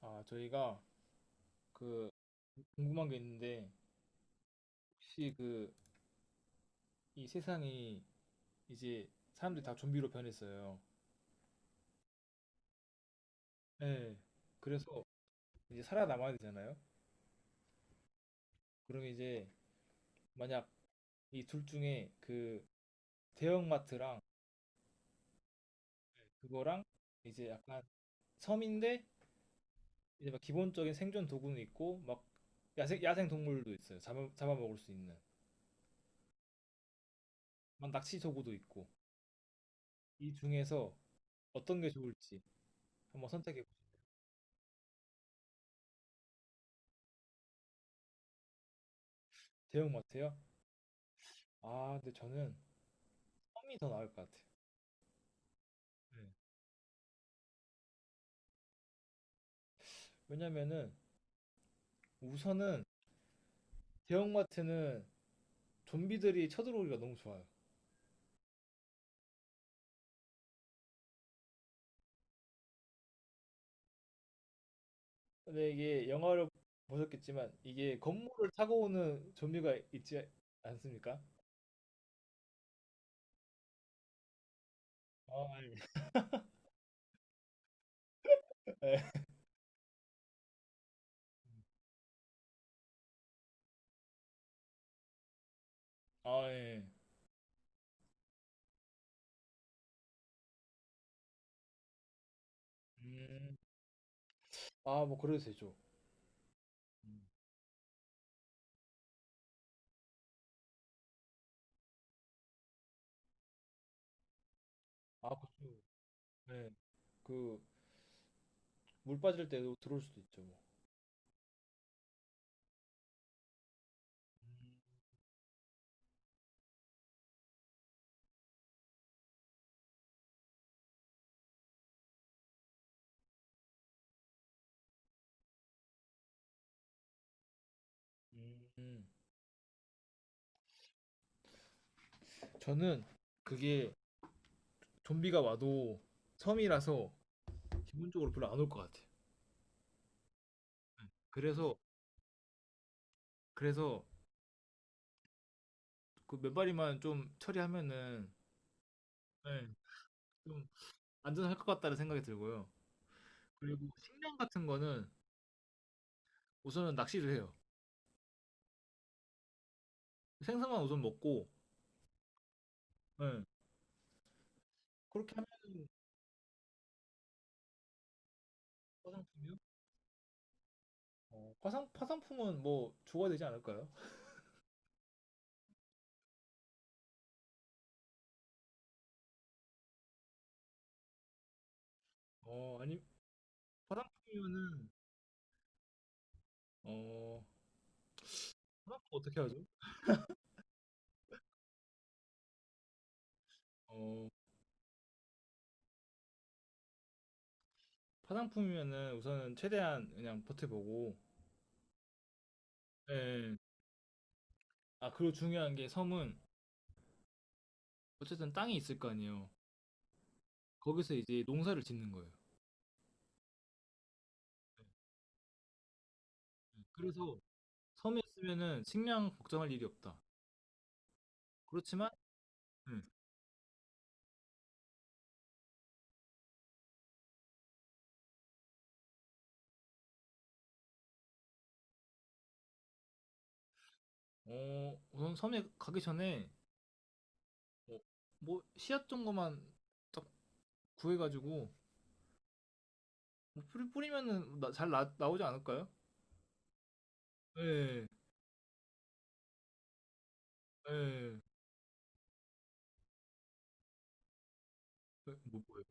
아, 저희가 그 궁금한 게 있는데 혹시 그 이 세상이 이제 사람들이 다 좀비로 변했어요. 네. 그래서 이제 살아남아야 되잖아요. 그러면 이제 만약 이 둘 중에 그 대형마트랑 그거랑 이제 약간 섬인데 이제 막 기본적인 생존 도구는 있고 막 야생 동물도 있어요. 잡아먹을 수 있는 막 낚시 도구도 있고 이 중에서 어떤 게 좋을지 한번 선택해 보세요. 대형마트요? 아, 근데 저는 섬이더 나을 것 같아. 네. 왜냐면은 우선은 대형마트는 좀비들이 쳐들어오기가 너무 좋아요. 근데 이게 영화를 보셨겠지만 이게 건물을 타고 오는 좀비가 있지 않습니까? 아, 예. 네. 아 예. 음, 아 뭐 그래도 되죠. 음, 아 그렇죠. 네. 그물 빠질 때도 들어올 수도 있죠. 뭐. 음, 음. 음, 저는 그게 좀비가 와도 섬이라서 기본적으로 별로 안 올 것 같아. 요 그래서 그래서 그 몇 마리만 좀 처리하면은 네, 좀 안전할 것 같다는 생각이 들고요. 그리고 식량 같은 거는 우선은 낚시를 해요. 생선만 우선 먹고 네, 그렇게 하면 화상품이요? 어, 화상품은 뭐 주어야 되지 않을까요? 어 아니 화상품이면은 어 화상품 어떻게 하죠? 어 화상품이면은 우선은 최대한 그냥 버텨보고 예. 아 그리고 중요한 게 섬은 어쨌든 땅이 있을 거 아니에요. 거기서 이제 농사를 짓는 거예요. 예. 예. 그래서 섬에 있으면은 식량 걱정할 일이 없다. 그렇지만, 음, 어, 우선 섬에 가기 전에 뭐, 뭐 씨앗 정도만 딱 구해가지고 뭐 뿌리면은 잘 나오지 않을까요? 예, 예, 예, 뭐요?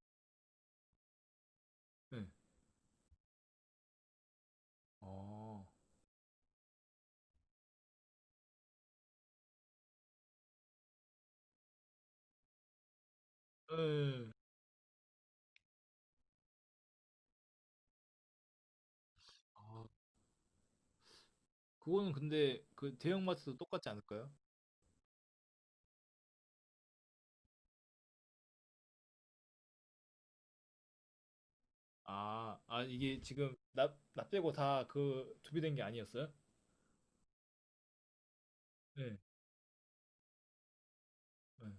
예. 아, 예. 아, 그거는 근데 그 대형마트도 똑같지 않을까요? 아, 아 이게 지금 나 빼고 다 그 준비된 게 아니었어요? 예, 네,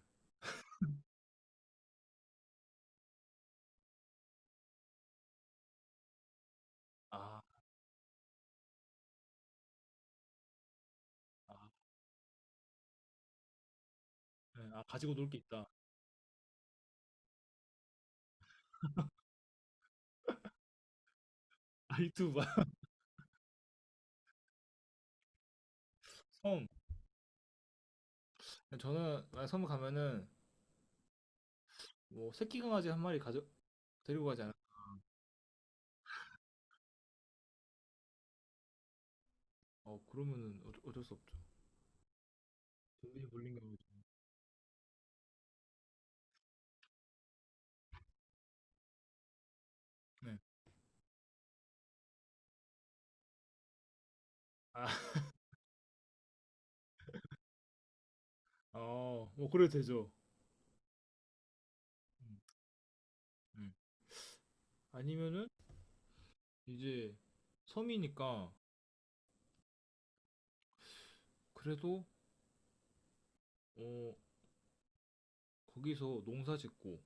아, 아, 네. 아, 가지고 놀 게 있다. 알투바, 섬. 저는 만약 섬을 가면은 뭐 새끼 강아지 한 마리 가져 데리고 가지 않을까? 어 그러면은 어, 어쩔 수 없죠. 돈이 몰린 거죠. 어, 뭐 그래도 되죠. 음. 음. 아니면은 이제 섬이니까 그래도 어 거기서 농사 짓고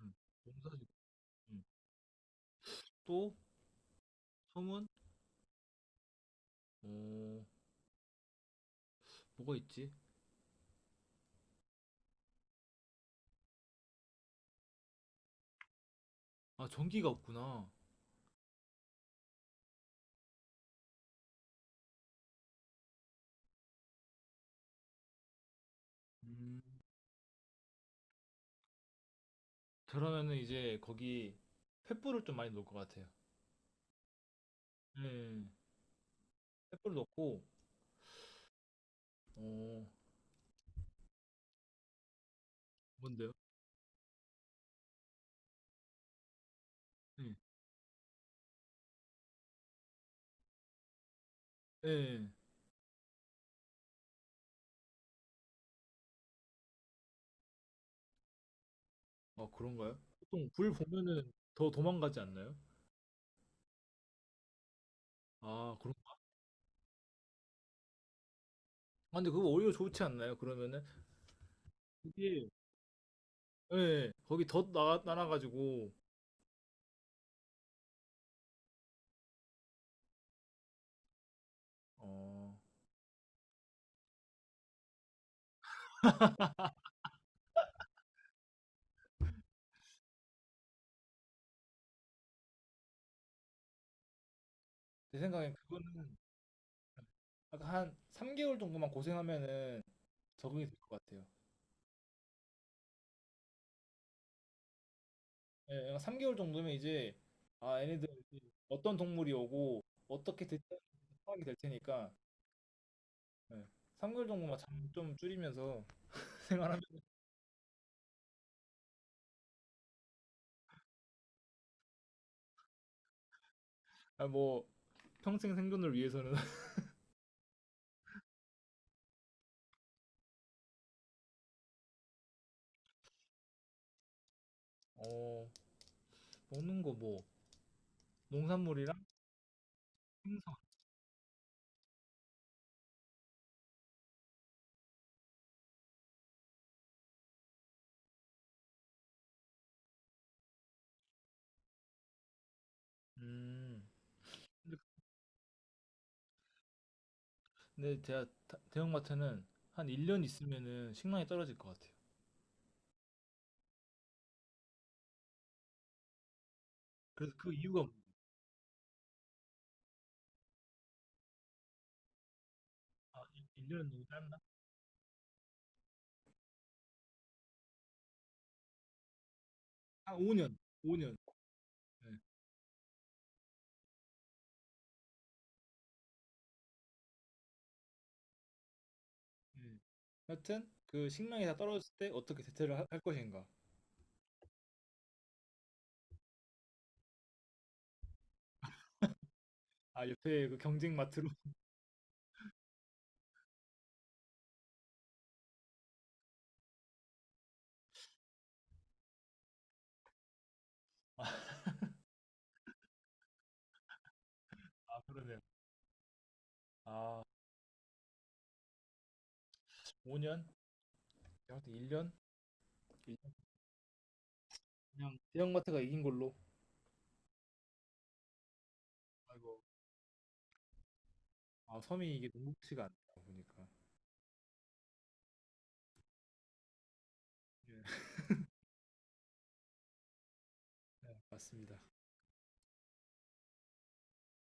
음. 농사 짓고 음. 또 섬은 어 뭐가 있지? 아 전기가 없구나. 음. 그러면은 이제 거기 횃불을 좀 많이 놓을 것 같아요. 네. 횃불 놓고 어 뭔데요? 예. 예 아 그런가요? 보통 불 보면은 더 도망가지 않나요? 아 그런가? 아 근데 그거 오히려 좋지 않나요? 그러면은 그게 예. 예. 거기 덧 나 날아 가지고 어 제 생각엔 그거는 약간 한 3 개월 정도만 고생하면은 적응이 될 것 같아요. 예. 약 3 개월 정도면 이제 아 얘네들 이제 어떤 동물이 오고 어떻게 대처하는지 파악이 될 테니까 예. 3 개월 정도만 잠 좀 줄이면서 생활하면 아 뭐 평생 생존을 위해서는 어 먹는 거 뭐 농산물이랑 생선. 음. 근데 근데 제가 다- 대형마트는 한 1년 있으면은 식량이 떨어질 것 같아요. 그래서 그 이유가 뭐- 아, 1년은 너무 짧나? 한 5년, 5년. 네, 네. 하여튼 그 식량이 다 떨어질 때 어떻게 대체를 하- 할 것인가? 아, 옆에 그 경쟁마트로. 아, 그러네요. 아, 5년? 하여튼 1년? 그냥 대형마트가 이긴 걸로. 아이고. 아, 섬이 이게 녹록지가 않다 보니까. 예, 네, 맞습니다.